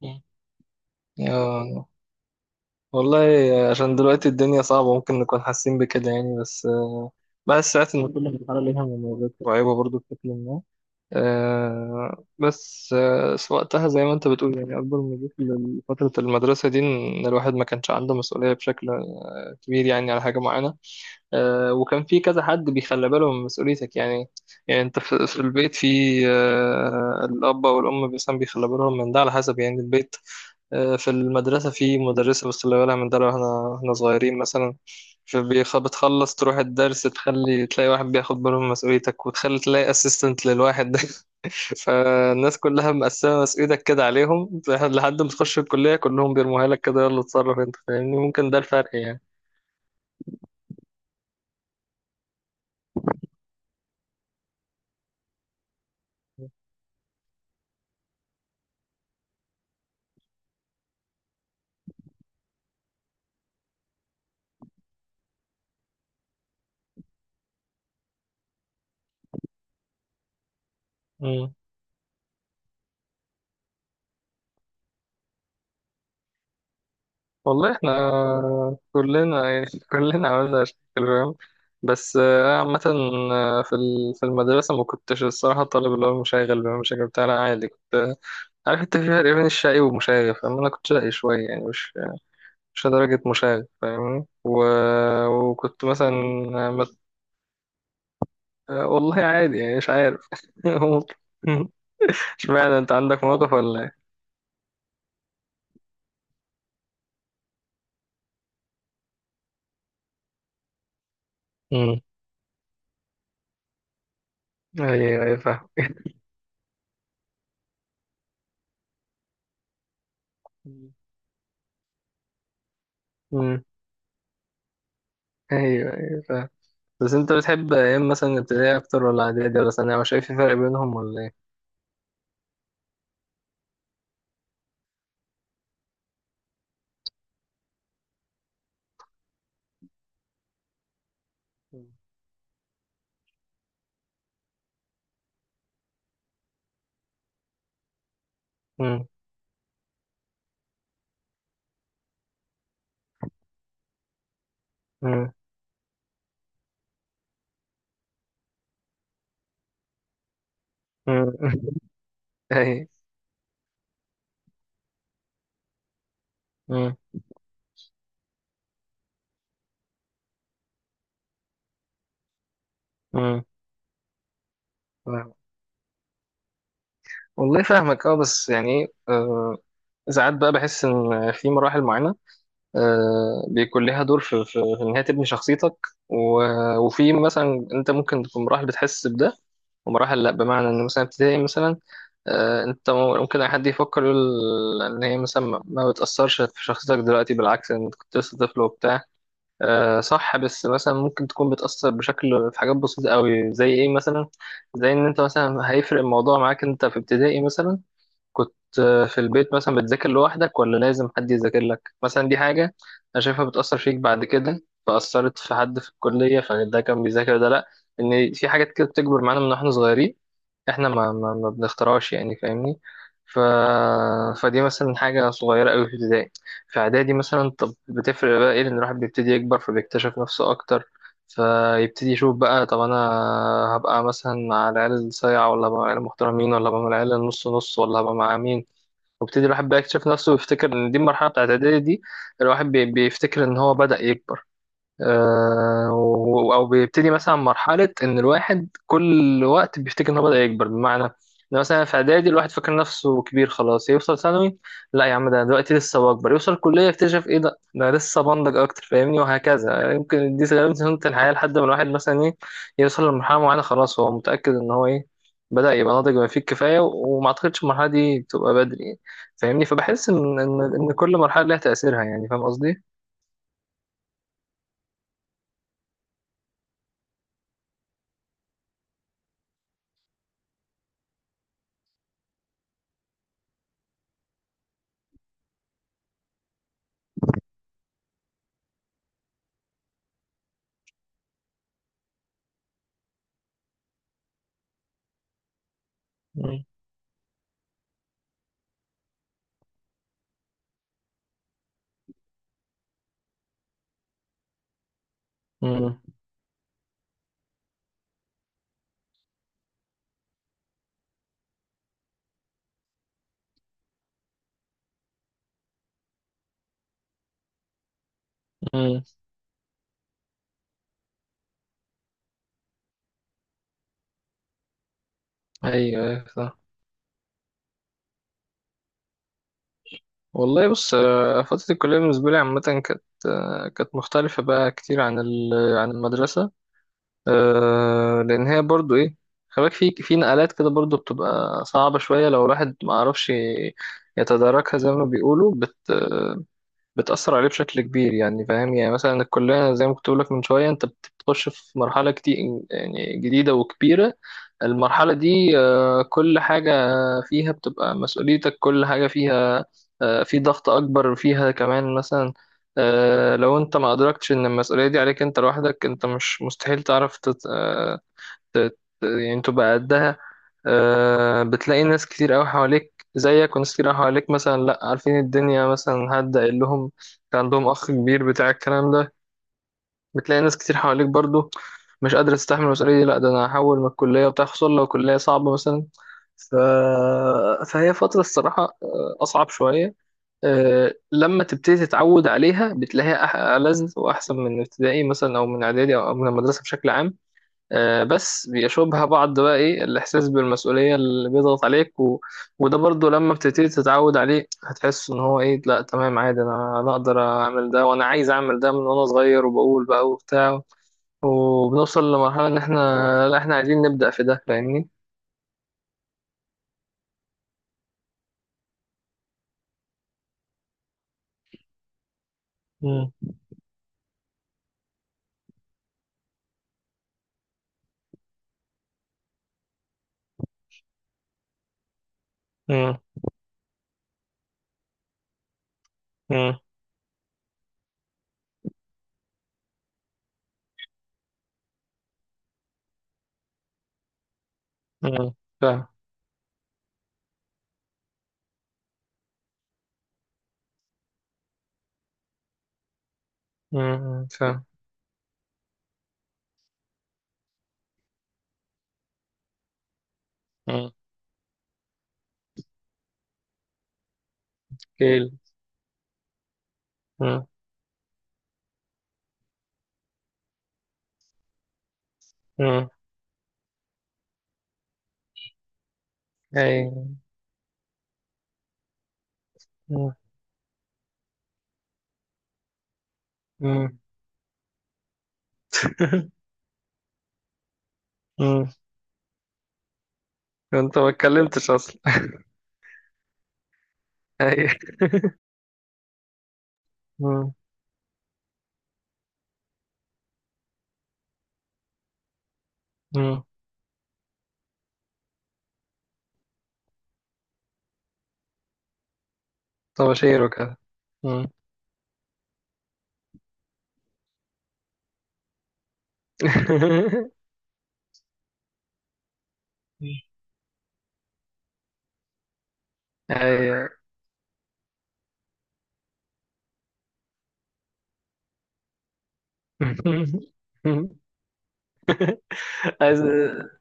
مم. آه، والله عشان دلوقتي الدنيا صعبة ممكن نكون حاسين بكده يعني بس ساعات إن كل مرحلة ليها مميزات وعيوبها برضو بشكل ما. آه، بس آه، وقتها زي ما أنت بتقول يعني أكبر ميزة لفترة المدرسة دي إن الواحد ما كانش عنده مسؤولية بشكل كبير يعني على حاجة معينة. وكان في كذا حد بيخلي باله من مسؤوليتك يعني. يعني أنت في البيت في آه، الأب أو الأم مثلا بيخلي بالهم من ده على حسب يعني البيت. في المدرسة في مدرسة بس اللي بالها من ده لو احنا صغيرين مثلا. بتخلص تروح الدرس، تخلي تلاقي واحد بياخد باله من مسؤوليتك، وتخلي تلاقي اسيستنت للواحد ده فالناس كلها مقسمة مسؤوليتك كده عليهم لحد ما تخش الكلية، كلهم بيرموها لك كده، يلا اتصرف انت فاهمني، ممكن ده الفرق يعني. والله احنا كلنا يعني كلنا عملنا مشاكل فاهم. بس عامة. في المدرسة ما كنتش الصراحة الطالب اللي هو المشاغب بقى، المشاغب بتاع، لا عادي كنت. عارف انت في فرق بين الشقي والمشاغب فاهم، انا كنت شقي شوية يعني مش لدرجة مشاغب فاهمني وكنت مثلا آه، مت... آه، والله عادي يعني مش عارف ممكن. اشمعنى انت عندك موقف ولا ايه؟ مم. ايوه ايوه فاهم. مم. ايوه ايوه فاهم. بس انت بتحب ايام مثلا ابتدائي اكتر ولا اعدادي ولا ثانوي، مش شايف في فرق بينهم ولا ايه؟ مم. مم. مم. اي. مم. مم. فاهمك. والله فاهمك بس يعني ساعات بقى بحس ان في مراحل معينة بيكون لها دور في إن هي تبني شخصيتك وفي مثلا أنت ممكن في مراحل بتحس بده ومراحل لأ، بمعنى إن مثلا ابتدائي مثلا أنت ممكن أي حد يفكر يقول إن هي مثلا ما بتأثرش في شخصيتك دلوقتي، بالعكس أنت كنت لسه طفل وبتاع. صح بس مثلا ممكن تكون بتأثر بشكل في حاجات بسيطة أوي زي إيه مثلا، زي إن أنت مثلا هيفرق الموضوع معاك أنت في ابتدائي مثلا كنت في البيت مثلا بتذاكر لوحدك ولا لازم حد يذاكر لك مثلا، دي حاجة أنا شايفها بتأثر فيك بعد كده، فأثرت في حد في الكلية فده كان بيذاكر ده لأ. إن في حاجات كده بتكبر معانا من واحنا صغيرين، إحنا ما بنختارهاش يعني فاهمني. ف... فدي مثلا حاجة صغيرة أوي في ابتدائي. في إعدادي مثلا طب بتفرق بقى إيه، لأن الواحد بيبتدي يكبر فبيكتشف نفسه أكتر، فيبتدي يشوف بقى طب انا هبقى مثلا مع العيال الصايعة ولا هبقى مع العيال المحترمين ولا هبقى مع العيال النص نص ولا هبقى مع مين، ويبتدي الواحد بقى يكتشف نفسه ويفتكر ان دي المرحلة بتاعت اعدادي دي، الواحد بيفتكر ان هو بدأ يكبر. او بيبتدي مثلا مرحله ان الواحد كل وقت بيفتكر ان هو بدا يكبر، بمعنى ان مثلا في اعدادي الواحد فاكر نفسه كبير خلاص يوصل ثانوي، لا يا عم ده أنا دلوقتي لسه بكبر يوصل كليه يكتشف ايه ده أنا لسه بنضج اكتر فاهمني، وهكذا يعني، يمكن دي غالبا سنه الحياه لحد ما الواحد مثلا ايه يوصل لمرحله معينه خلاص هو متاكد ان هو ايه بدا يبقى ناضج بما فيه الكفايه وما اعتقدش المرحله دي تبقى بدري يعني. فاهمني، فبحس ان ان إن كل مرحله لها تاثيرها يعني، فاهم قصدي؟ مم. مم. ايوه ايوه صح. والله بص، فترة الكلية بالنسبة لي عامة كانت مختلفة بقى كتير عن المدرسة. لأن هي برضو إيه، خلاك في نقلات كده برضو بتبقى صعبة شوية لو الواحد ما عرفش يتداركها زي ما بيقولوا، بتأثر عليه بشكل كبير يعني فاهم، يعني مثلا الكلية زي ما كنت بقولك من شوية أنت بتخش في مرحلة كتير يعني جديدة وكبيرة. المرحلة دي كل حاجة فيها بتبقى مسؤوليتك، كل حاجة فيها في ضغط أكبر فيها كمان مثلا. لو أنت ما أدركتش إن المسؤولية دي عليك أنت لوحدك أنت مش مستحيل تعرف يعني تبقى قدها. بتلاقي ناس كتير قوي حواليك زيك، وناس كتير قوي حواليك مثلا لا عارفين الدنيا مثلا، حد قايل لهم كان عندهم اخ كبير بتاع الكلام ده. بتلاقي ناس كتير حواليك برضو مش قادرة تستحمل المسؤولية دي، لا ده انا هحول من الكلية بتاع، خصوصا لو كلية صعبة مثلا. ف... فهي فترة الصراحة أصعب شوية. لما تبتدي تتعود عليها بتلاقيها ألذ وأحسن من ابتدائي مثلا أو من إعدادي أو من المدرسة بشكل عام. بس بيشوبها بعض بقى ايه الاحساس بالمسؤوليه اللي بيضغط عليك وده برضو لما بتبتدي تتعود عليه هتحس ان هو ايه، لا تمام عادي، انا اقدر اعمل ده وانا عايز اعمل ده من وانا صغير وبقول بقى وبتاع، وبنوصل لمرحله ان احنا لا احنا عايزين نبدا في ده فاهمني. امم. امم. امم. امم. فاهم. امم. فاهم. امم. كيل. امم. امم. اي. امم. امم. أمم. انت ما اتكلمتش اصلا اي مم. طباشير وكذا. مم. أيوة. عايز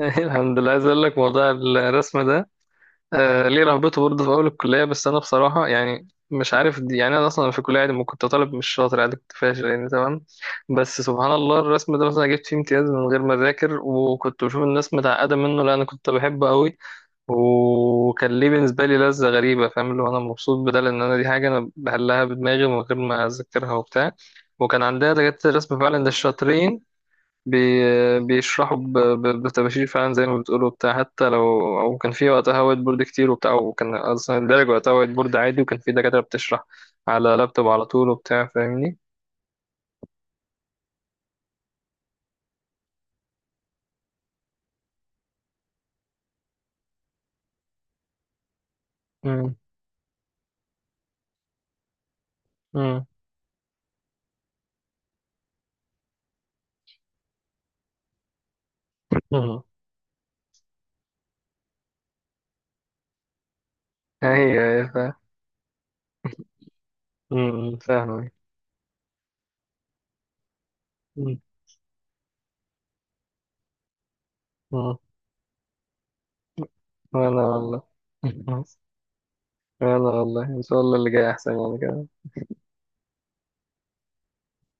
الحمد لله، عايز اقول لك موضوع الرسم ده، ليه رهبته برضه في اول الكليه، بس انا بصراحه يعني مش عارف دي يعني، انا اصلا في الكليه عادي ما كنت طالب مش شاطر، عادي كنت فاشل يعني تمام. بس سبحان الله الرسم ده مثلا جبت فيه امتياز من غير ما اذاكر، وكنت بشوف الناس متعقده منه، لا انا كنت بحبه قوي، وكان ليه بالنسبة لي لذة غريبة فاهم، اللي هو أنا مبسوط بدل إن أنا دي حاجة أنا بحلها بدماغي من غير ما أذكرها وبتاع. وكان عندها دكاترة الرسم فعلا ده الشاطرين، بي... بيشرحوا بتباشير فعلا زي ما بتقولوا بتاع، حتى لو أو كان في وقتها وايت بورد كتير وبتاع، وكان أصلا الدرج وقتها وايت بورد عادي، وكان في دكاترة بتشرح على لابتوب على طول وبتاع، فاهمني؟ مم. مم. مم. أيوه أيوه فاهم. مم. فاهمك. مم. مم. وأنا، والله، انا والله ان شاء الله اللي جاي احسن يعني.